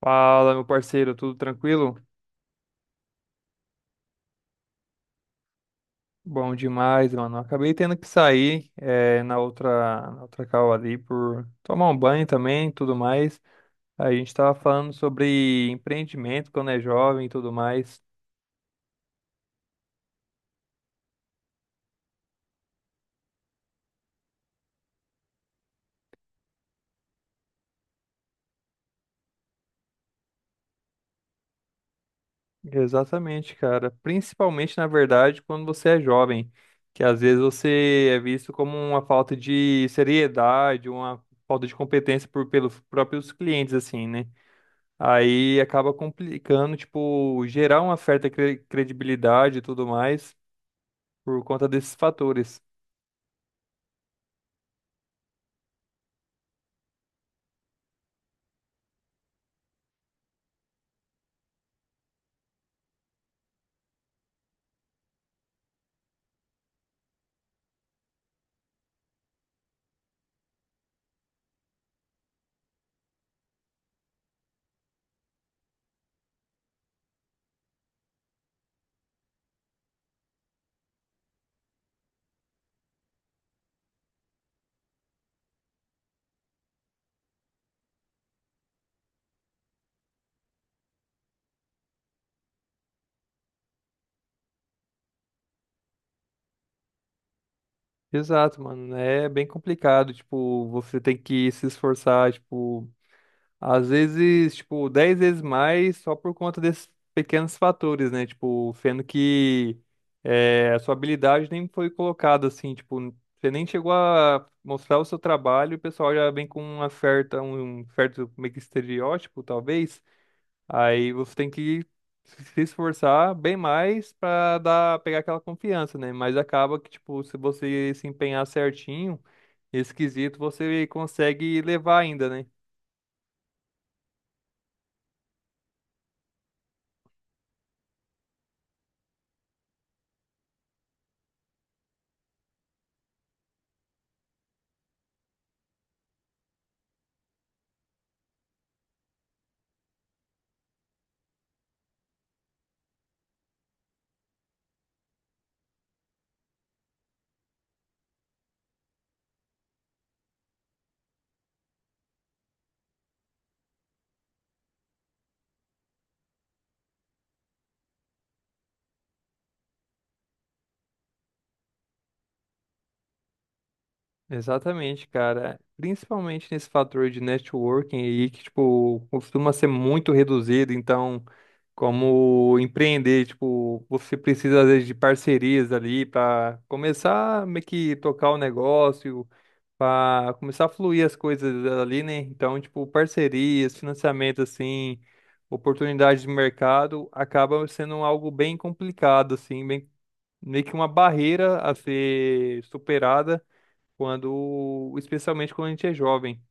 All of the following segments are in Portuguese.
Fala, meu parceiro, tudo tranquilo? Bom demais, mano. Acabei tendo que sair na outra call ali por tomar um banho também, e tudo mais. A gente tava falando sobre empreendimento quando é jovem e tudo mais. Exatamente, cara. Principalmente, na verdade, quando você é jovem, que às vezes você é visto como uma falta de seriedade, uma falta de competência por, pelos próprios clientes, assim, né? Aí acaba complicando, tipo, gerar uma certa credibilidade e tudo mais por conta desses fatores. Exato, mano. Né? É bem complicado, tipo, você tem que se esforçar, tipo, às vezes, tipo, 10 vezes mais só por conta desses pequenos fatores, né? Tipo, sendo que a sua habilidade nem foi colocada assim, tipo, você nem chegou a mostrar o seu trabalho, e o pessoal já vem com uma certa, um certo meio que estereótipo, talvez. Aí você tem que se esforçar bem mais pra dar, pegar aquela confiança, né? Mas acaba que, tipo, se você se empenhar certinho, esse quesito você consegue levar ainda, né? Exatamente, cara. Principalmente nesse fator de networking aí, que, tipo, costuma ser muito reduzido. Então, como empreender, tipo, você precisa, às vezes, de parcerias ali para começar a meio que tocar o negócio para começar a fluir as coisas ali, né? Então, tipo, parcerias, financiamento, assim, oportunidades de mercado, acaba sendo algo bem complicado, assim, bem, meio que uma barreira a ser superada quando, especialmente quando a gente é jovem.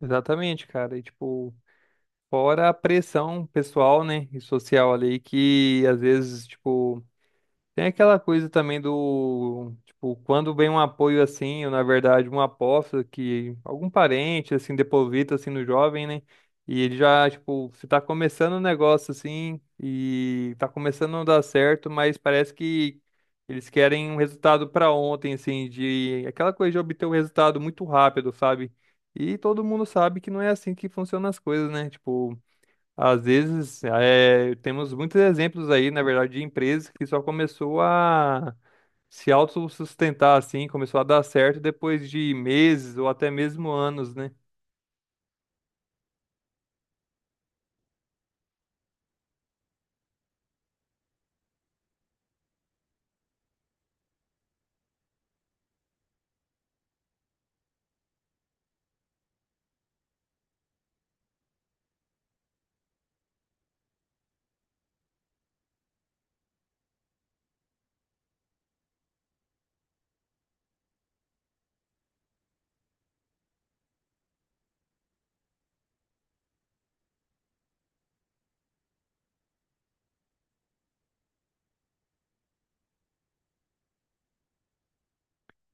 Exatamente, cara. E, tipo, fora a pressão pessoal, né, e social ali, que às vezes, tipo, tem aquela coisa também do, tipo, quando vem um apoio assim, ou na verdade uma aposta que algum parente, assim, deposita, assim, no jovem, né? E ele já, tipo, se tá começando um negócio assim, e tá começando a não dar certo, mas parece que eles querem um resultado pra ontem, assim, de aquela coisa de obter um resultado muito rápido, sabe? E todo mundo sabe que não é assim que funcionam as coisas, né? Tipo, às vezes, é, temos muitos exemplos aí, na verdade, de empresas que só começou a se autossustentar assim, começou a dar certo depois de meses ou até mesmo anos, né?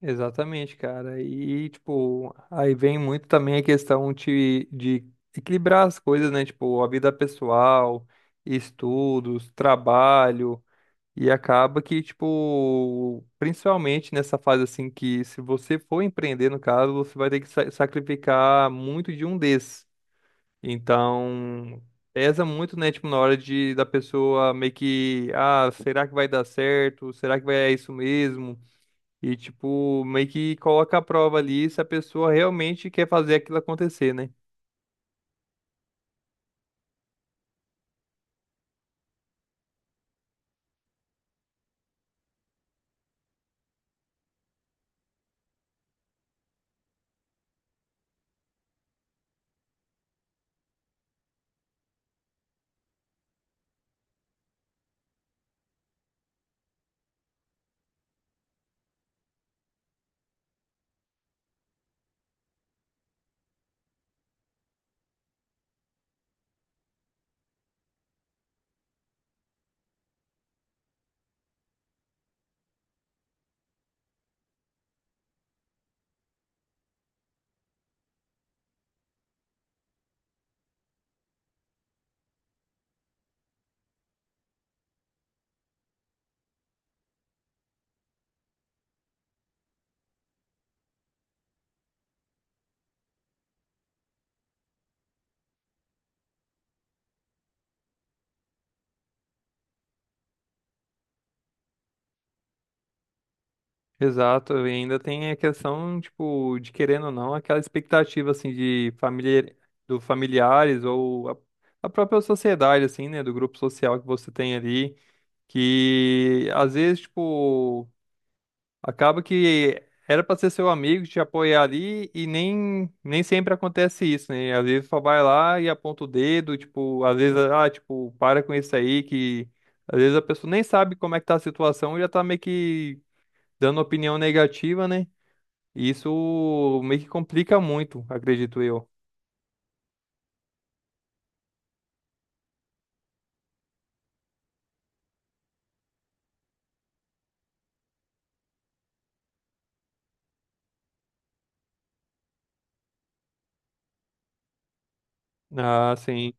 Exatamente, cara. E, tipo, aí vem muito também a questão de equilibrar as coisas, né? Tipo, a vida pessoal, estudos, trabalho. E acaba que, tipo, principalmente nessa fase assim que se você for empreender, no caso, você vai ter que sacrificar muito de um desses. Então, pesa muito, né, tipo, na hora de da pessoa meio que, ah, será que vai dar certo? Será que vai é isso mesmo? E tipo, meio que coloca a prova ali se a pessoa realmente quer fazer aquilo acontecer, né? Exato, e ainda tem a questão, tipo, de querendo ou não, aquela expectativa, assim, de familiar, do familiares ou a própria sociedade, assim, né, do grupo social que você tem ali, que às vezes, tipo, acaba que era pra ser seu amigo, te apoiar ali e nem, nem sempre acontece isso, né, às vezes só vai lá e aponta o dedo, tipo, às vezes, ah, tipo, para com isso aí, que às vezes a pessoa nem sabe como é que tá a situação e já tá meio que dando opinião negativa, né? E isso meio que complica muito, acredito eu. Ah, sim.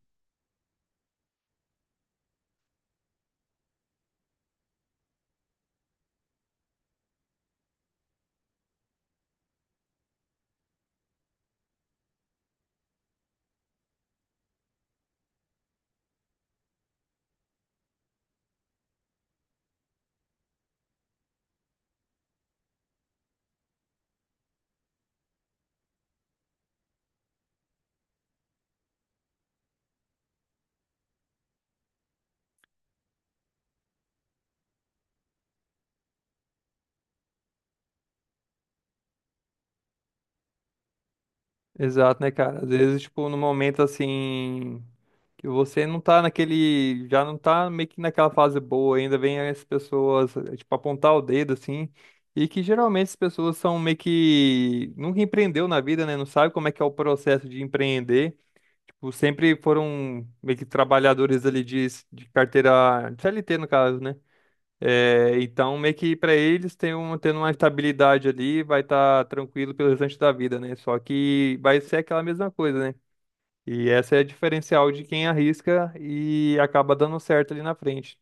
Exato, né, cara? Às vezes, tipo, no momento assim, que você não tá naquele, já não tá meio que naquela fase boa, ainda vem as pessoas, tipo, apontar o dedo assim, e que geralmente as pessoas são meio que nunca empreendeu na vida, né? Não sabe como é que é o processo de empreender. Tipo, sempre foram meio que trabalhadores ali de carteira, de CLT no caso, né? É, então, meio que para eles tem um, tendo uma estabilidade ali, vai estar tranquilo pelo restante da vida, né? Só que vai ser aquela mesma coisa, né? E essa é a diferencial de quem arrisca e acaba dando certo ali na frente.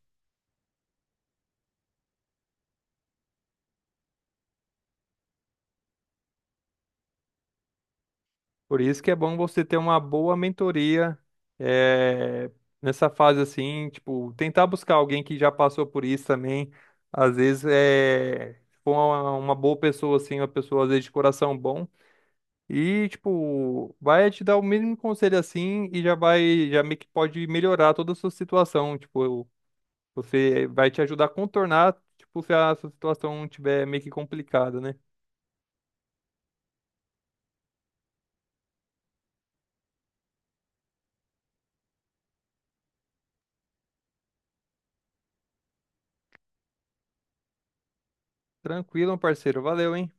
Por isso que é bom você ter uma boa mentoria, é, nessa fase assim, tipo, tentar buscar alguém que já passou por isso também. Às vezes é se for uma boa pessoa, assim, uma pessoa às vezes de coração bom. E, tipo, vai te dar o mínimo conselho assim e já vai, já meio que pode melhorar toda a sua situação. Tipo, você vai te ajudar a contornar, tipo, se a sua situação tiver meio que complicada, né? Tranquilo, meu parceiro. Valeu, hein?